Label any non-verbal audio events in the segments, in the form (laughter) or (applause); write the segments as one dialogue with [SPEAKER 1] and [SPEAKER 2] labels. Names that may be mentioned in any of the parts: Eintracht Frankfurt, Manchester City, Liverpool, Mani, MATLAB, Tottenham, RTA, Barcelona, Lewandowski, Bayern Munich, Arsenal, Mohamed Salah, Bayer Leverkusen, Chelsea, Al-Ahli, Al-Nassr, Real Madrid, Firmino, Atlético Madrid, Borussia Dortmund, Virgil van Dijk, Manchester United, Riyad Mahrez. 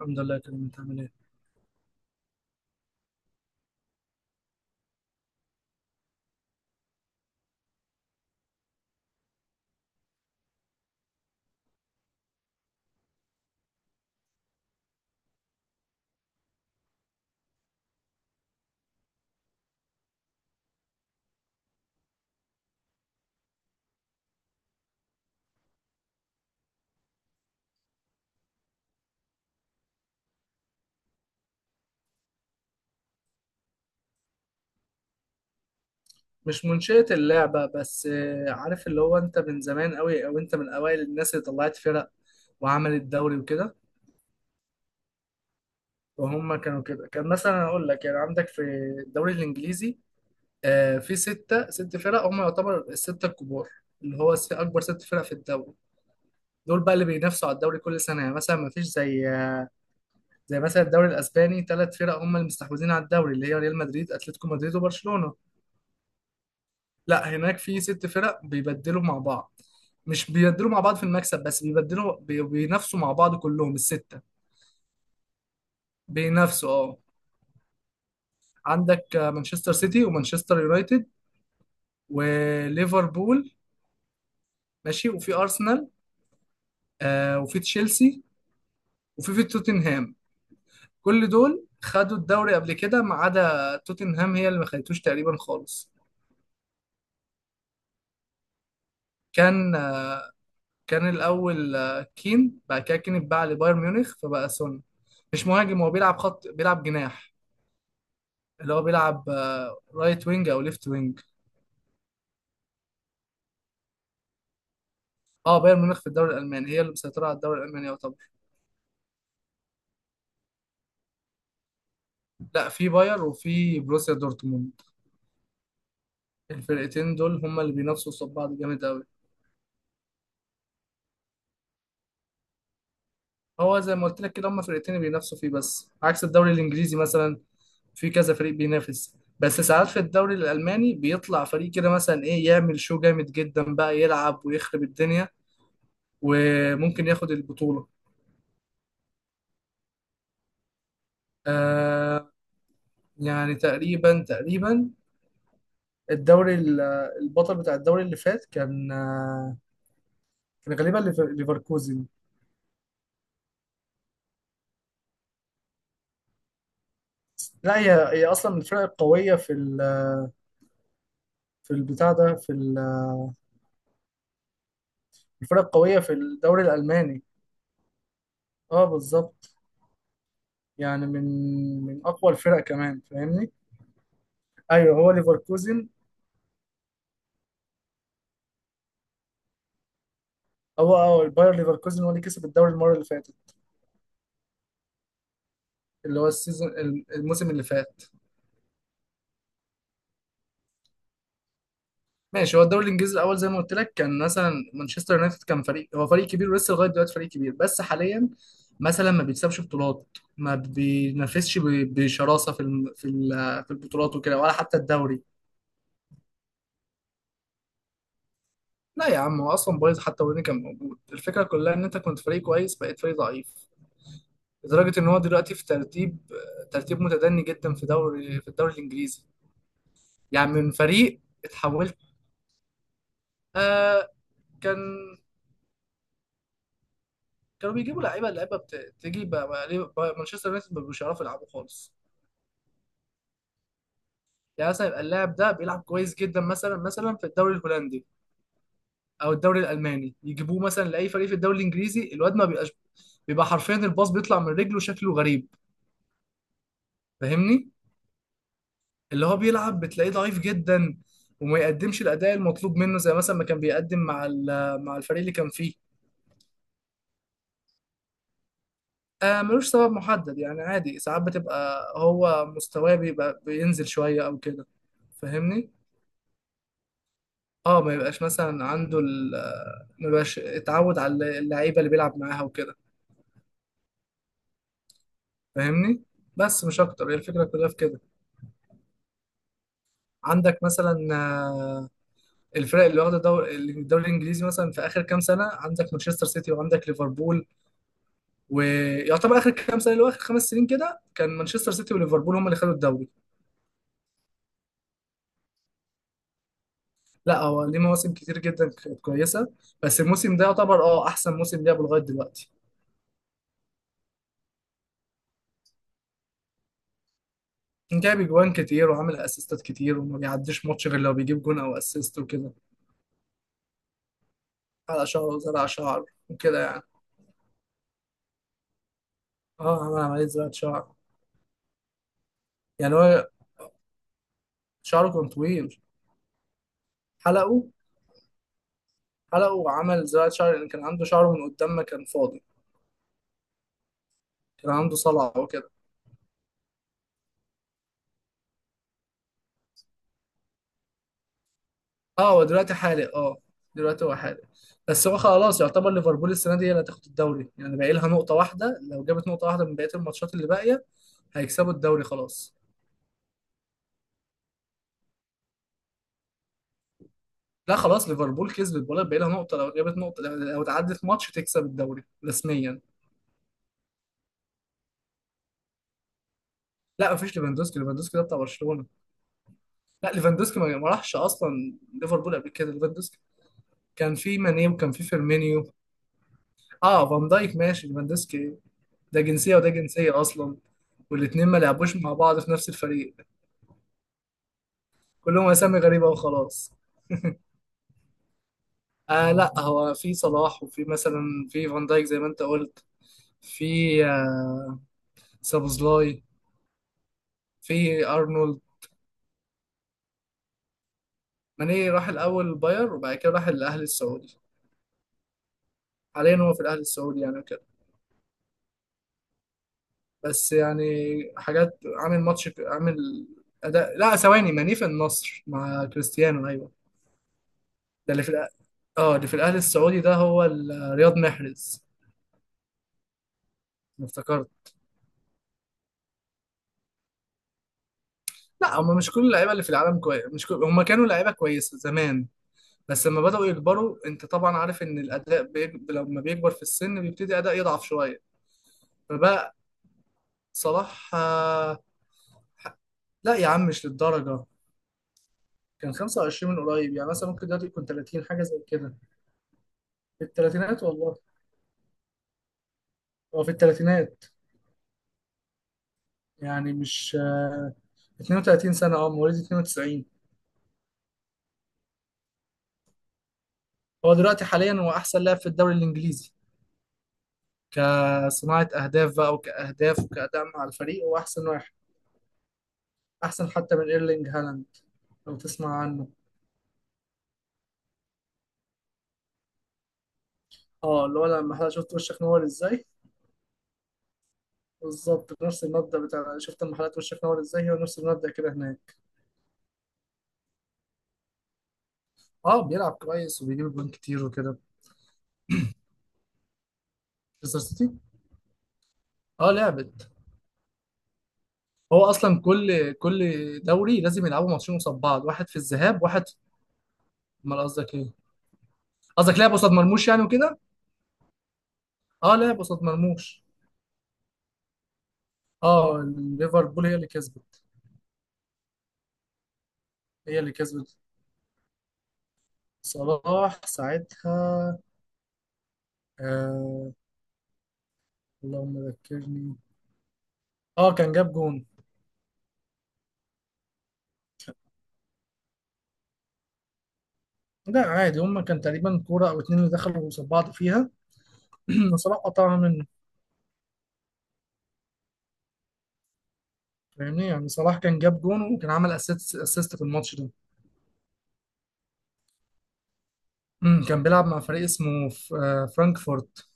[SPEAKER 1] الحمد لله، تمام. انت عامل ايه؟ مش منشئة اللعبة بس، عارف، اللي هو انت من زمان قوي، او انت من اوائل الناس اللي طلعت فرق وعملت دوري وكده، وهم كانوا كده. كان مثلا اقول لك، يعني عندك في الدوري الانجليزي في ست فرق هم يعتبر الستة الكبار، اللي هو اكبر ست فرق في الدوري. دول بقى اللي بينافسوا على الدوري كل سنة. يعني مثلا ما فيش زي، زي مثلا الدوري الاسباني، ثلاث فرق هم اللي مستحوذين على الدوري، اللي هي ريال مدريد، اتلتيكو مدريد، وبرشلونة. لا، هناك في ست فرق بيبدلوا مع بعض. مش بيبدلوا مع بعض في المكسب بس، بيبدلوا بينافسوا مع بعض كلهم الستة. بينافسوا، اه. عندك مانشستر سيتي ومانشستر يونايتد وليفربول، ماشي، وفي أرسنال وفي تشيلسي وفي توتنهام. كل دول خدوا الدوري قبل كده ما عدا توتنهام، هي اللي ما خدتوش تقريبا خالص. كان، كان الأول كين، بعد كده كين اتباع لبايرن ميونخ فبقى سون. مش مهاجم، هو بيلعب خط، بيلعب جناح، اللي هو بيلعب رايت وينج او ليفت وينج. اه، بايرن ميونخ في الدوري الالماني هي اللي مسيطره على الدوري الالماني يعتبر. لا، في باير وفي بروسيا دورتموند. الفرقتين دول هما اللي بينافسوا قصاد بعض جامد قوي. هو زي ما قلت لك كده، هما فرقتين اللي بينافسوا فيه، بس عكس الدوري الانجليزي مثلا في كذا فريق بينافس. بس ساعات في الدوري الالماني بيطلع فريق كده، مثلا، ايه، يعمل شو جامد جدا، بقى يلعب ويخرب الدنيا وممكن ياخد البطوله. آه، يعني تقريبا الدوري البطل بتاع الدوري اللي فات كان، كان غالبا ليفركوزن. لا هي، هي اصلا من الفرق القويه في في البتاع ده، في الفرق القويه في الدوري الالماني. اه، بالظبط. يعني من اقوى الفرق كمان، فاهمني. ايوه، هو ليفركوزن. هو، اه، الباير ليفركوزن هو اللي كسب الدوري المره اللي فاتت، اللي هو السيزون، الموسم اللي فات. ماشي. هو الدوري الانجليزي، الاول زي ما قلت لك، كان مثلا مانشستر يونايتد كان فريق، هو فريق كبير ولسه لغايه دلوقتي فريق كبير، بس حاليا مثلا ما بيكسبش بطولات، ما بشراسه في في في البطولات وكده، ولا حتى الدوري. لا يا عم، هو اصلا بايظ حتى وين كان موجود. الفكره كلها ان انت كنت فريق كويس بقيت فريق ضعيف، لدرجه ان هو دلوقتي في ترتيب متدني جدا في دوري في الدوري الانجليزي. يعني من فريق اتحولت. آه، كان، كانوا بيجيبوا اللعيبه، تيجي بقى، ليه بقى مانشستر يونايتد ما بيبقوش يعرفوا يلعبوا خالص؟ يعني مثلا يبقى اللاعب ده بيلعب كويس جدا مثلا، في الدوري الهولندي او الدوري الالماني، يجيبوه مثلا لاي فريق في الدوري الانجليزي الواد ما بيبقاش، بيبقى حرفيا الباص بيطلع من رجله شكله غريب، فاهمني. اللي هو بيلعب بتلاقيه ضعيف جدا وما يقدمش الاداء المطلوب منه زي مثلا ما كان بيقدم مع مع الفريق اللي كان فيه. آه، ملوش سبب محدد، يعني عادي. ساعات بتبقى هو مستواه بيبقى بينزل شويه او كده، فاهمني. اه، ما يبقاش مثلا عنده ما يبقاش اتعود على اللعيبه اللي بيلعب معاها وكده، فاهمني. بس مش اكتر، هي الفكره كلها في كده. عندك مثلا الفرق اللي واخده الدوري الانجليزي مثلا في اخر كام سنه، عندك مانشستر سيتي وعندك ليفربول. ويعتبر اخر كام سنه، اللي هو اخر 5 سنين كده، كان مانشستر سيتي وليفربول هم اللي خدوا الدوري. لا، هو ليه مواسم كتير جدا كانت كويسه، بس الموسم ده يعتبر، اه، احسن موسم لعبه لغايه دلوقتي. جايب اجوان كتير وعامل اسيستات كتير، وما بيعديش ماتش غير لو بيجيب جون او اسيست وكده. حلق شعره وزرع شعر وكده يعني. اه، عمل عملية زراعة شعر. يعني هو شعره كان طويل، حلقه. حلقه وعمل زراعة شعر لأن كان عنده شعره من قدام ما كان فاضي. كان عنده صلع وكده. اه، هو دلوقتي حالق. اه، دلوقتي هو حالق. بس هو خلاص يعتبر ليفربول السنة دي هي اللي هتاخد الدوري. يعني باقي لها نقطة واحدة، لو جابت نقطة واحدة من بقية الماتشات اللي باقية هيكسبوا الدوري خلاص. لا خلاص، ليفربول كسبت، ولا بقى لها نقطة، لو جابت نقطة، لو تعدت ماتش تكسب الدوري رسميا. لا مفيش ليفاندوسكي. ليفاندوسكي ده بتاع برشلونة. لا، ليفاندوسكي ما راحش اصلا ليفربول قبل كده. ليفاندوسكي، كان في ماني وكان في فيرمينيو. اه، فان دايك، ماشي. ليفاندوسكي ده جنسيه وده جنسيه اصلا، والاتنين ما لعبوش مع بعض في نفس الفريق. كلهم اسامي غريبه وخلاص. آه، لا، هو في صلاح، وفي مثلا، في فان دايك زي ما انت قلت، في، سابوزلاي، في ارنولد. ماني راح الاول باير، وبعد كده راح الاهلي السعودي. حاليا هو في الاهلي السعودي يعني. بس يعني، حاجات، عامل ماتش، عامل اداء. لا ثواني، ماني في النصر مع كريستيانو، ايوه. ده اللي في الاهلي السعودي، ده هو رياض محرز. أنا افتكرت. لا، هم مش كل اللعيبه اللي في العالم كويس، مش كل... هم كانوا لعيبه كويسه زمان، بس لما بداوا يكبروا، انت طبعا عارف ان الاداء لما بيكبر في السن بيبتدي اداء يضعف شويه. فبقى، صلاح، لا يا عم، مش للدرجه. كان 25 من قريب، يعني مثلا ممكن دلوقتي يكون 30 حاجه زي كده. في الثلاثينات والله، هو في الثلاثينات. يعني مش، 32 سنة، اه، مواليد 92. هو دلوقتي حاليا هو أحسن لاعب في الدوري الإنجليزي، كصناعة أهداف بقى، وكأهداف، وكأداء مع الفريق، هو أحسن واحد، أحسن حتى من إيرلينج هالاند لو تسمع عنه. اه، اللي هو لما حضرتك شفت وشك نور ازاي. بالظبط نفس المبدأ بتاع شفت لما حضرتك وشك نور ازاي، هو نفس المبدأ كده هناك. اه، بيلعب كويس وبيجيب جوان كتير وكده. مانشستر سيتي. اه لعبت. هو اصلا كل دوري لازم يلعبوا ماتشين قصاد بعض، واحد في الذهاب واحد امال قصدك ايه؟ قصدك لعب قصاد مرموش يعني وكده. اه، لعب قصاد مرموش. اه، ليفربول هي اللي كسبت. هي اللي كسبت. صلاح ساعتها، آه، اللهم ذكرني. اه، كان جاب جون. لا عادي، هما كان تقريبا كورة او اتنين اللي دخلوا قصاد بعض فيها. (clears throat) وصلاح قطعها منه. فاهمني، يعني صلاح كان جاب جون وكان عمل اسيست، اسيست في الماتش ده. أمم، كان بيلعب مع فريق اسمه فرانكفورت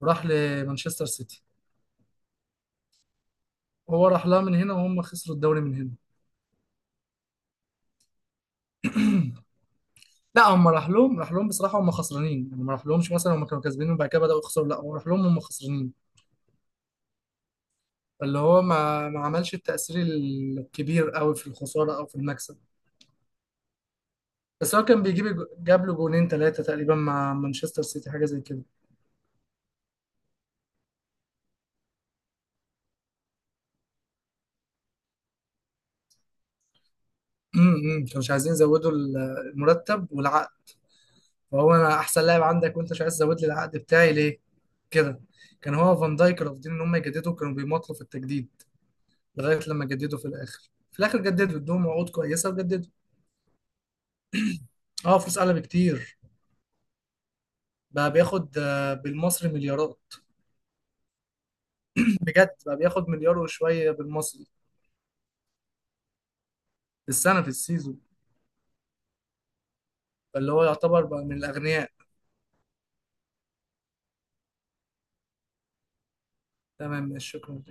[SPEAKER 1] وراح لمانشستر سيتي. هو راح لها من هنا وهم خسروا الدوري من هنا. لا، هم راح لهم بصراحه هم خسرانين، يعني ما راح لهمش مثلا هم كانوا كسبانين وبعد كده بداوا يخسروا، لا هو راح لهم هم خسرانين. اللي هو ما عملش التاثير الكبير قوي في الخساره او في المكسب. بس هو كان بيجيب جاب له جونين ثلاثه تقريبا مع مانشستر سيتي، حاجه زي كده. امم، كانوا مش عايزين يزودوا المرتب والعقد. فهو: انا احسن لاعب عندك، وانت مش عايز تزود لي العقد بتاعي ليه؟ كده. كان هو فان دايك رافضين ان هم يجددوا، كانوا بيمطلوا في التجديد لغايه لما جددوا في الاخر. في الاخر جددوا، ادوهم وعود كويسه وجددوا. اه، فلوس اعلى بكتير. بقى بياخد، بالمصري، مليارات. (clears throat) بجد، بقى بياخد مليار وشويه بالمصري. في السنه، في السيزون. فاللي هو يعتبر بقى من الاغنياء. تمام، شكرا.